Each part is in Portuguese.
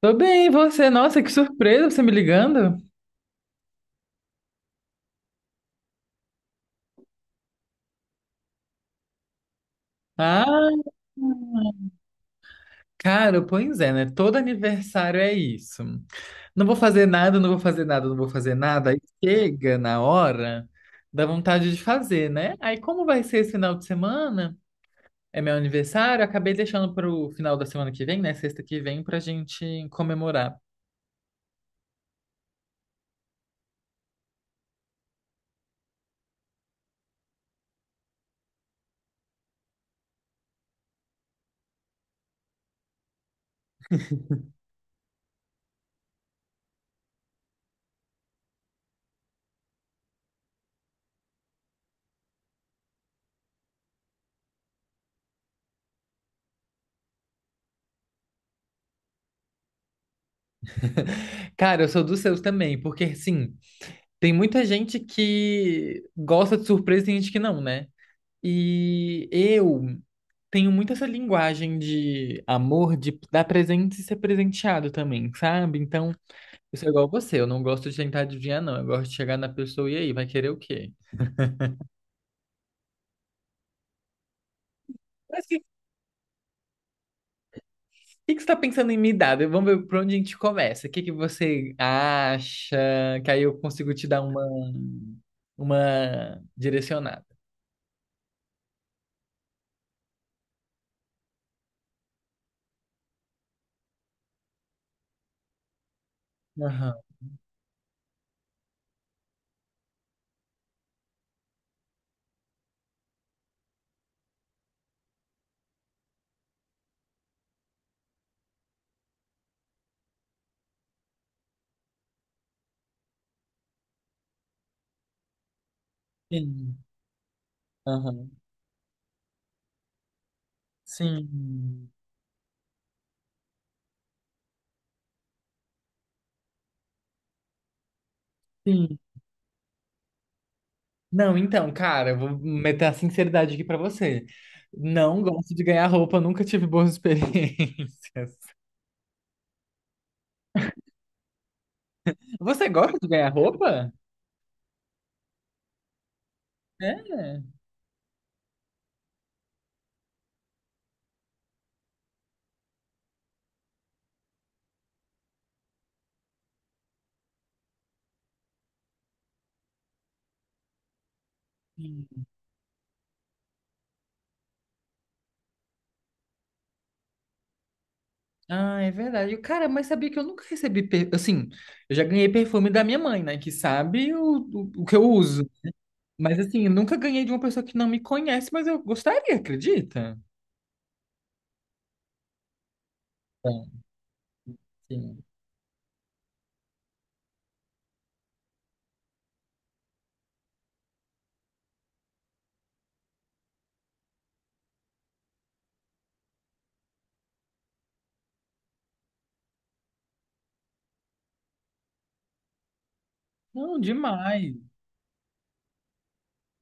Tô bem, e você? Nossa, que surpresa você me ligando. Ah, cara, pois é, né? Todo aniversário é isso. Não vou fazer nada, não vou fazer nada, não vou fazer nada. Aí chega na hora, dá vontade de fazer, né? Aí como vai ser esse final de semana? É meu aniversário, acabei deixando pro final da semana que vem, né? Sexta que vem, pra gente comemorar. Cara, eu sou dos seus também, porque assim, tem muita gente que gosta de surpresa e tem gente que não, né? E eu tenho muito essa linguagem de amor, de dar presente e ser presenteado também, sabe? Então, eu sou igual você, eu não gosto de tentar adivinhar, não. Eu gosto de chegar na pessoa e aí, vai querer o quê? Mas o que, que você tá pensando em me dar? Vamos ver por onde a gente começa. O que que você acha? Que aí eu consigo te dar uma direcionada. Aham. Sim. Aham. Sim. Sim. Não, então, cara, eu vou meter a sinceridade aqui pra você. Não gosto de ganhar roupa, nunca tive boas experiências. Você gosta de ganhar roupa? É. Ah, é verdade. Cara, mas sabia que eu nunca recebi. Assim, eu já ganhei perfume da minha mãe, né? Que sabe o que eu uso. Mas assim, eu nunca ganhei de uma pessoa que não me conhece, mas eu gostaria, acredita? Então, sim. Não, demais.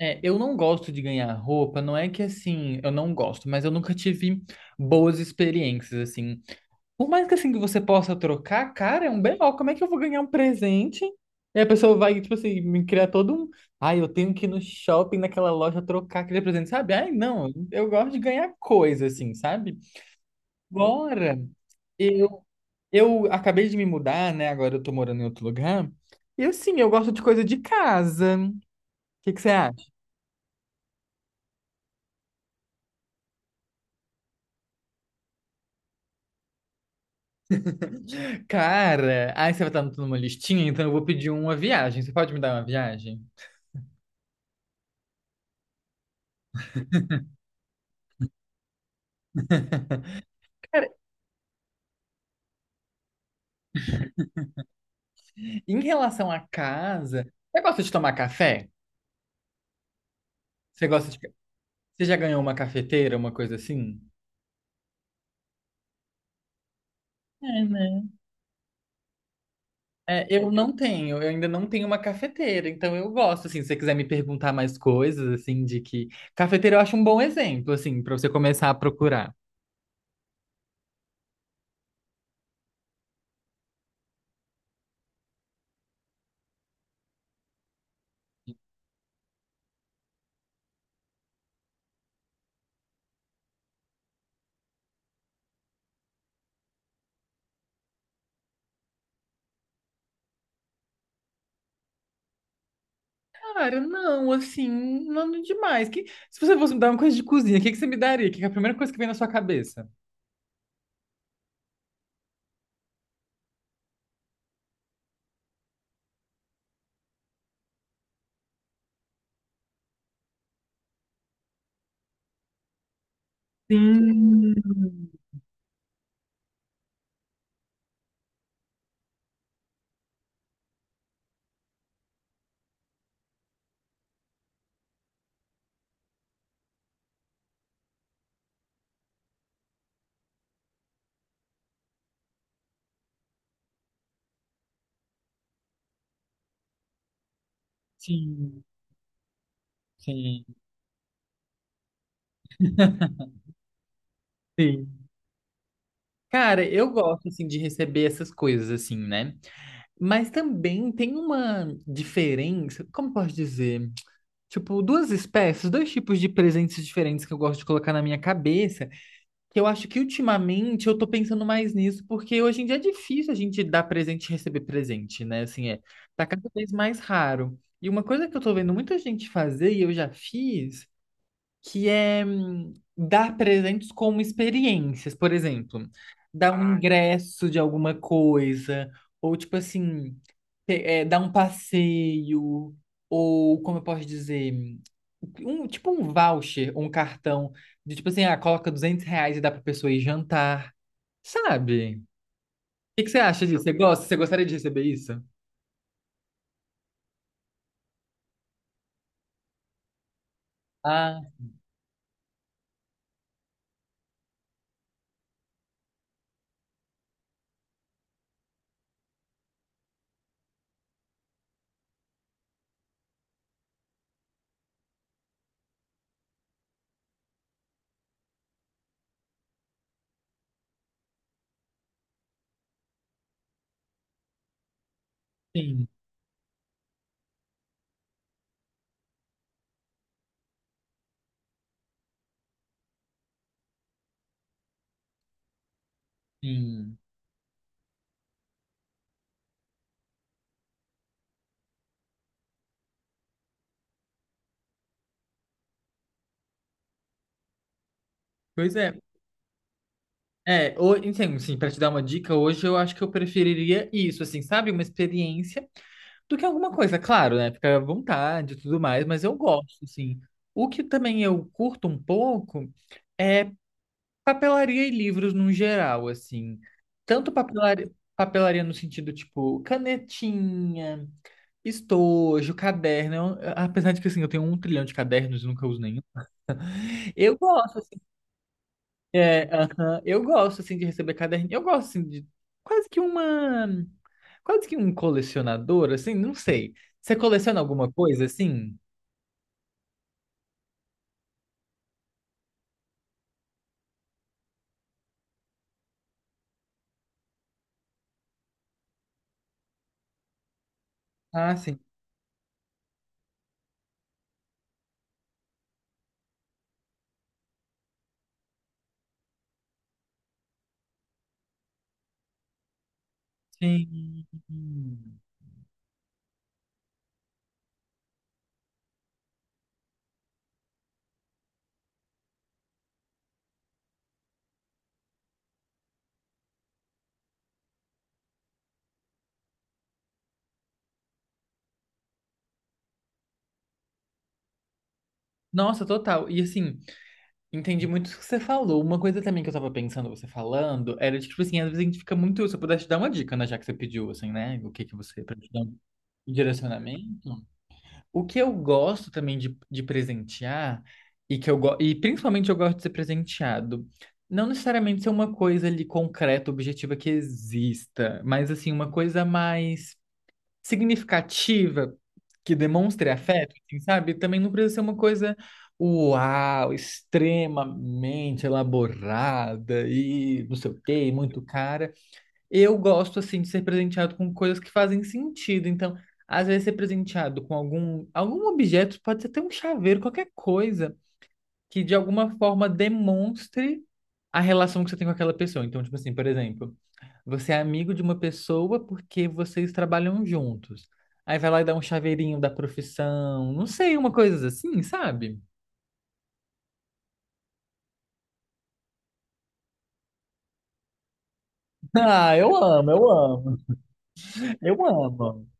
É, eu não gosto de ganhar roupa, não é que assim, eu não gosto, mas eu nunca tive boas experiências, assim. Por mais que assim que você possa trocar, cara, é um BO, como é que eu vou ganhar um presente? E a pessoa vai, tipo assim, me criar todo um. Ai, eu tenho que ir no shopping, naquela loja, trocar aquele presente, sabe? Ai, não, eu gosto de ganhar coisa, assim, sabe? Bora! Eu, eu acabei de me mudar, né? Agora eu tô morando em outro lugar. E assim, eu gosto de coisa de casa. O que que você acha? Cara, ai, você vai estar numa listinha, então eu vou pedir uma viagem. Você pode me dar uma viagem? Cara, em relação à casa, você gosta de tomar café? Você gosta de... Você já ganhou uma cafeteira, uma coisa assim? É, né? É, eu não tenho, eu ainda não tenho uma cafeteira, então eu gosto, assim, se você quiser me perguntar mais coisas, assim, de que... Cafeteira eu acho um bom exemplo, assim, pra você começar a procurar. Cara, não, assim, nada demais. Que... Se você fosse me dar uma coisa de cozinha, o que que você me daria? Que é a primeira coisa que vem na sua cabeça? Sim, sim, sim, sim. Cara, eu gosto assim de receber essas coisas assim, né? Mas também tem uma diferença, como posso dizer? Tipo, duas espécies, dois tipos de presentes diferentes que eu gosto de colocar na minha cabeça, que eu acho que ultimamente eu tô pensando mais nisso, porque hoje em dia é difícil a gente dar presente e receber presente, né? Assim, é, tá cada vez mais raro. E uma coisa que eu tô vendo muita gente fazer e eu já fiz que é dar presentes como experiências, por exemplo, dar um ingresso de alguma coisa, ou tipo assim, dar um passeio, ou como eu posso dizer, tipo um voucher, um cartão, de tipo assim, ah, coloca R$ 200 e dá pra pessoa ir jantar, sabe? O que que você acha disso? Você gosta? Você gostaria de receber isso? Ah, sim, sim. Pois é, é, então, assim, para te dar uma dica, hoje eu acho que eu preferiria isso, assim, sabe? Uma experiência do que alguma coisa, claro, né? Fica à vontade e tudo mais, mas eu gosto, assim. O que também eu curto um pouco é papelaria e livros no geral, assim. Tanto papelaria, papelaria no sentido, tipo, canetinha, estojo, caderno. Apesar de que, assim, eu tenho um trilhão de cadernos e nunca uso nenhum. Eu gosto. É, aham. Eu gosto, assim, de receber caderninho. Eu gosto, assim, de quase que uma... Quase que um colecionador, assim, não sei. Você coleciona alguma coisa, assim? Ah, sim. Sim. Nossa, total. E, assim, entendi muito o que você falou. Uma coisa também que eu tava pensando, você falando, era, de, tipo assim, às vezes a gente fica muito... Se eu pudesse te dar uma dica, né, já que você pediu, assim, né? O que que você... Pra te dar um direcionamento. O que eu gosto também de presentear, e e principalmente eu gosto de ser presenteado, não necessariamente ser uma coisa ali concreta, objetiva que exista, mas assim, uma coisa mais significativa que demonstre afeto, assim, sabe? Também não precisa ser uma coisa uau, extremamente elaborada e não sei o quê, e muito cara. Eu gosto, assim, de ser presenteado com coisas que fazem sentido. Então, às vezes, ser presenteado com algum objeto, pode ser até um chaveiro, qualquer coisa, que de alguma forma demonstre a relação que você tem com aquela pessoa. Então, tipo assim, por exemplo, você é amigo de uma pessoa porque vocês trabalham juntos. Aí vai lá e dá um chaveirinho da profissão, não sei, uma coisa assim, sabe? Ah, eu amo, eu amo, eu amo.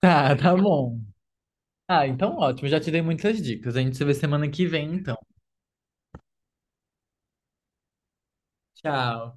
Tá, tá bom. Ah, então ótimo, já te dei muitas dicas. A gente se vê semana que vem, então. Tchau.